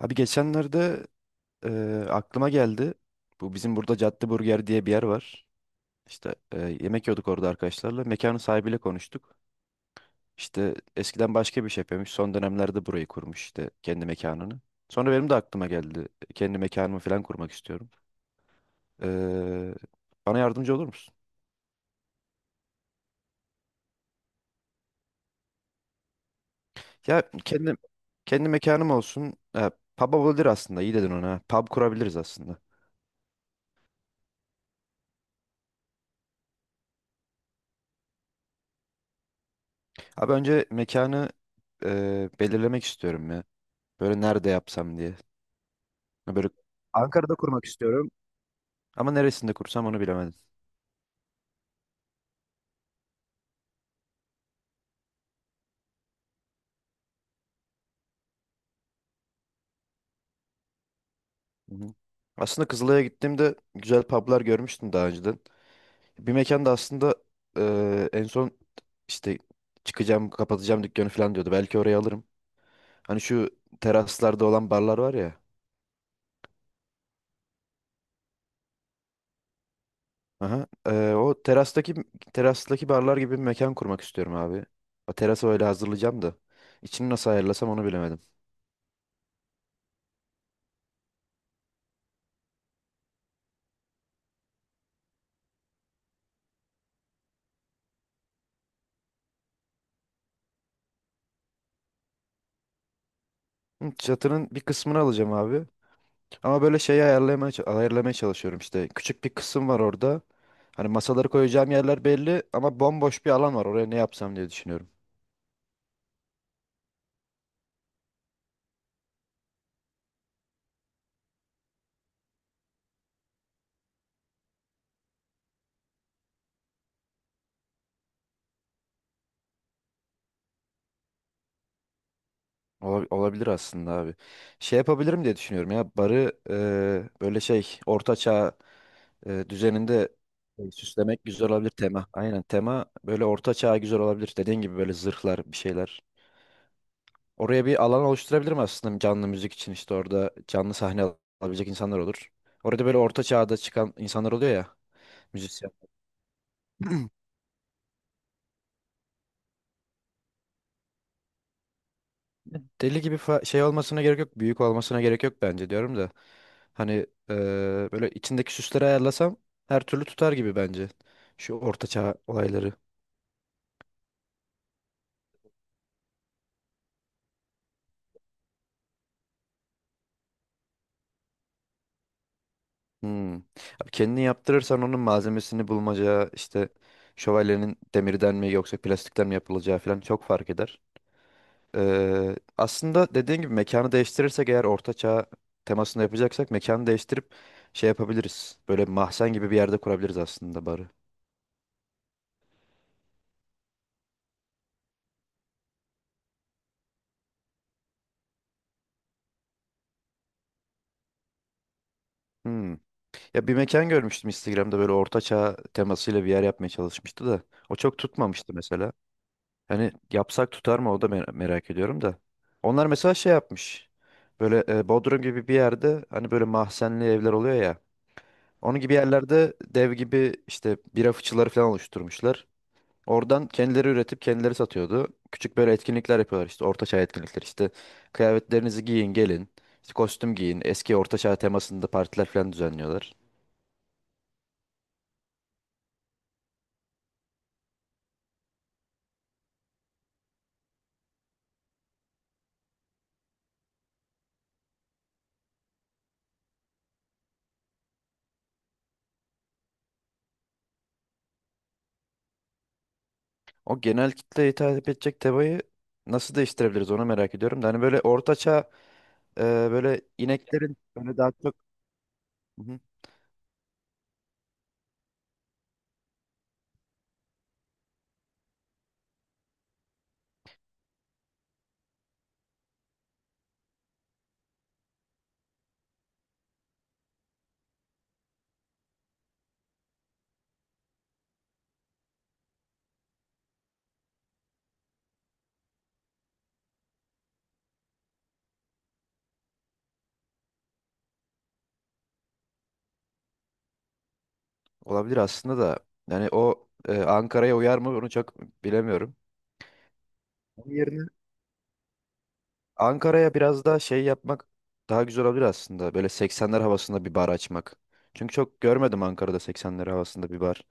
Abi geçenlerde e, aklıma geldi. Bu bizim burada Cadde Burger diye bir yer var. İşte yemek yiyorduk orada arkadaşlarla. Mekanın sahibiyle konuştuk. İşte eskiden başka bir şey yapıyormuş. Son dönemlerde burayı kurmuş işte kendi mekanını. Sonra benim de aklıma geldi. Kendi mekanımı falan kurmak istiyorum. Eee, Bana yardımcı olur musun? Ya kendi mekanım olsun. Ha, pub olabilir aslında. İyi dedin ona. Pub kurabiliriz aslında. Abi önce mekanı belirlemek istiyorum ya. Böyle nerede yapsam diye. Ya böyle Ankara'da kurmak istiyorum. Ama neresinde kursam onu bilemedim. Hı hı. Aslında Kızılay'a gittiğimde güzel publar görmüştüm daha önceden. Bir mekanda aslında en son işte çıkacağım, kapatacağım dükkanı falan diyordu. Belki oraya alırım. Hani şu teraslarda olan barlar var ya. Aha, o terastaki barlar gibi bir mekan kurmak istiyorum abi. O terası öyle hazırlayacağım da. İçini nasıl ayarlasam onu bilemedim. Hı, çatının bir kısmını alacağım abi. Ama böyle şeyi ayarlamaya, ayarlamaya çalışıyorum işte. Küçük bir kısım var orada. Hani masaları koyacağım yerler belli ama bomboş bir alan var. Oraya ne yapsam diye düşünüyorum. Olabilir aslında abi. Şey yapabilirim diye düşünüyorum ya. Barı böyle şey orta çağ düzeninde süslemek güzel olabilir tema. Aynen tema böyle orta çağ güzel olabilir. Dediğin gibi böyle zırhlar bir şeyler. Oraya bir alan oluşturabilirim aslında canlı müzik için işte orada canlı sahne alabilecek insanlar olur. Orada böyle orta çağda çıkan insanlar oluyor ya. Müzisyen. Deli gibi şey olmasına gerek yok. Büyük olmasına gerek yok bence diyorum da. Hani eee, böyle içindeki süsleri ayarlasam her türlü tutar gibi bence. Şu ortaçağ olayları. Hmm. Abi kendini yaptırırsan onun malzemesini bulmaca işte şövalyenin demirden mi yoksa plastikten mi yapılacağı falan çok fark eder. Aslında dediğin gibi mekanı değiştirirsek eğer ortaçağ temasında yapacaksak mekanı değiştirip şey yapabiliriz. Böyle mahzen gibi bir yerde kurabiliriz aslında barı. Hmm. Ya bir mekan görmüştüm Instagram'da böyle ortaçağ temasıyla bir yer yapmaya çalışmıştı da. O çok tutmamıştı mesela. Hani yapsak tutar mı o da merak ediyorum da. Onlar mesela şey yapmış. Böyle Bodrum gibi bir yerde hani böyle mahzenli evler oluyor ya. Onun gibi yerlerde dev gibi işte bira fıçıları falan oluşturmuşlar. Oradan kendileri üretip kendileri satıyordu. Küçük böyle etkinlikler yapıyorlar işte ortaçağ etkinlikler işte. Kıyafetlerinizi giyin gelin. İşte kostüm giyin. Eski ortaçağ temasında partiler falan düzenliyorlar. O genel kitleye hitap edecek tebayı nasıl değiştirebiliriz onu merak ediyorum. Da hani böyle e, böyle ineklerin böyle daha çok. Hı hı. Olabilir aslında da. Yani o Ankara'ya uyar mı onu çok bilemiyorum. Onun yerine Ankara'ya biraz daha şey yapmak daha güzel olabilir aslında. Böyle 80'ler havasında bir bar açmak. Çünkü çok görmedim Ankara'da 80'ler havasında bir bar.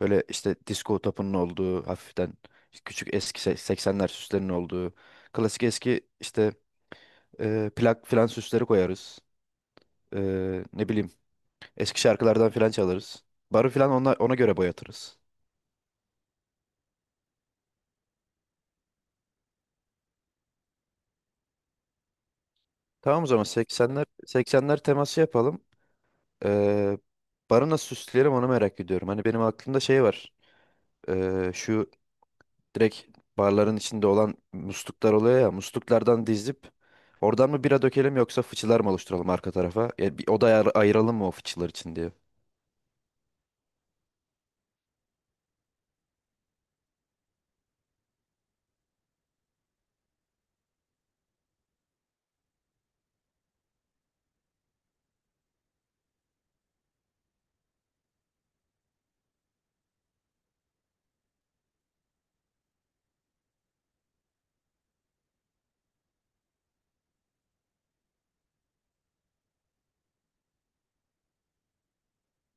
Böyle işte disco topunun olduğu hafiften işte küçük eski 80'ler süslerinin olduğu klasik eski işte. Plak filan süsleri koyarız. Ne bileyim eski şarkılardan filan çalarız. Barı filan ona göre boyatırız. Tamam o zaman 80'ler teması yapalım. Ee, Barı nasıl süsleyelim onu merak ediyorum. Hani benim aklımda şey var. Şu direkt barların içinde olan musluklar oluyor ya musluklardan dizip oradan mı bira dökelim yoksa fıçılar mı oluşturalım arka tarafa? Ya bir oda ayıralım mı o fıçılar için diye.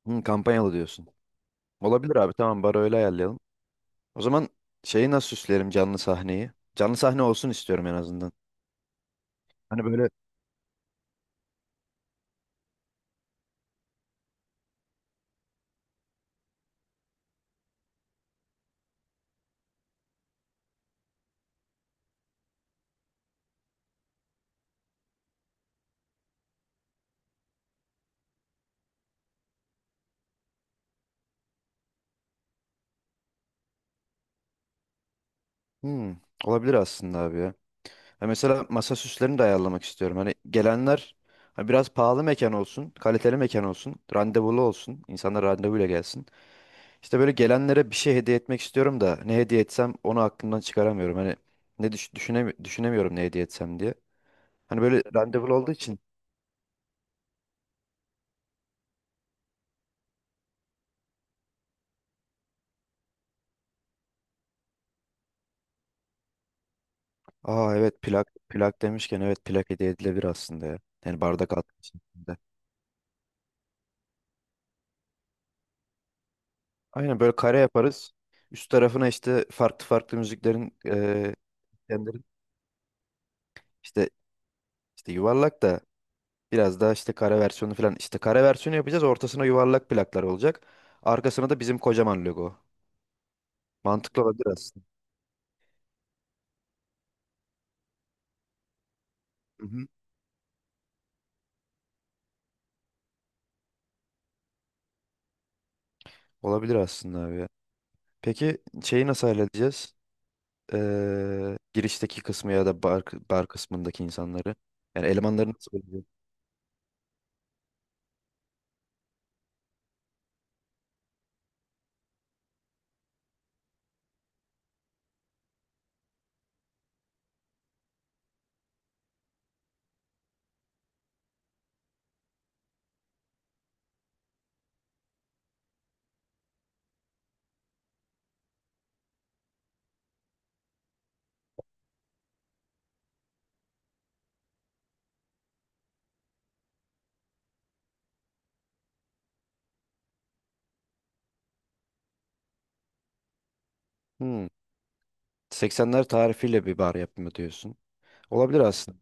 Hı, kampanyalı diyorsun. Olabilir abi, tamam, barı öyle ayarlayalım. O zaman şeyi nasıl süslerim canlı sahneyi? Canlı sahne olsun istiyorum en azından. Hani böyle, hmm, olabilir aslında abi ya. Ha mesela masa süslerini de ayarlamak istiyorum. Hani gelenler hani biraz pahalı mekan olsun, kaliteli mekan olsun, randevulu olsun. İnsanlar randevuyla gelsin. İşte böyle gelenlere bir şey hediye etmek istiyorum da ne hediye etsem onu aklımdan çıkaramıyorum. Hani ne düşünemiyorum ne hediye etsem diye. Hani böyle randevulu olduğu için. Aa evet, plak plak demişken, evet, plak hediye edilebilir aslında ya. Yani bardak altı. Aynen böyle kare yaparız. Üst tarafına işte farklı farklı müziklerin kendilerin işte işte yuvarlak da biraz daha işte kare versiyonu falan. İşte kare versiyonu yapacağız. Ortasına yuvarlak plaklar olacak. Arkasına da bizim kocaman logo. Mantıklı olabilir aslında. Hı-hı. Olabilir aslında abi ya. Peki şeyi nasıl halledeceğiz? Girişteki kısmı ya da bar kısmındaki insanları. Yani elemanları nasıl bulacağız? Hmm. 80'ler tarifiyle bir bar yapımı diyorsun. Olabilir aslında.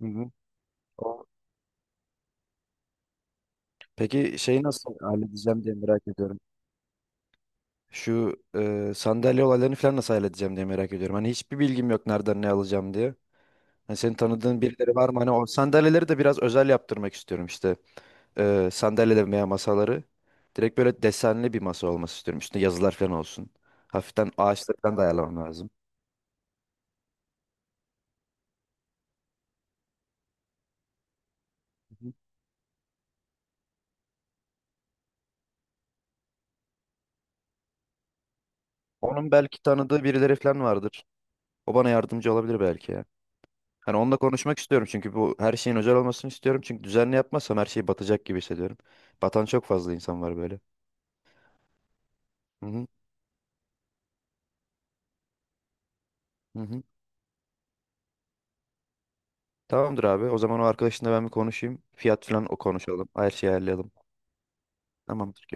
Hı-hı. Peki şeyi nasıl halledeceğim diye merak ediyorum. Şu sandalye olaylarını falan nasıl halledeceğim diye merak ediyorum. Hani hiçbir bilgim yok nereden ne alacağım diye. Hani senin tanıdığın birileri var mı? Hani o sandalyeleri de biraz özel yaptırmak istiyorum işte. Sandalyeler veya masaları. Direkt böyle desenli bir masa olması istiyorum. Üstünde yazılar falan olsun. Hafiften ağaçları falan da ayarlamam lazım. Onun belki tanıdığı birileri falan vardır. O bana yardımcı olabilir belki ya. Hani onunla konuşmak istiyorum çünkü bu her şeyin özel olmasını istiyorum. Çünkü düzenli yapmazsam her şey batacak gibi hissediyorum. Batan çok fazla insan var böyle. Hı hı, hı hı. Tamamdır abi. O zaman o arkadaşınla ben bir konuşayım. Fiyat falan o konuşalım. Her şeyi ayarlayalım. Tamamdır.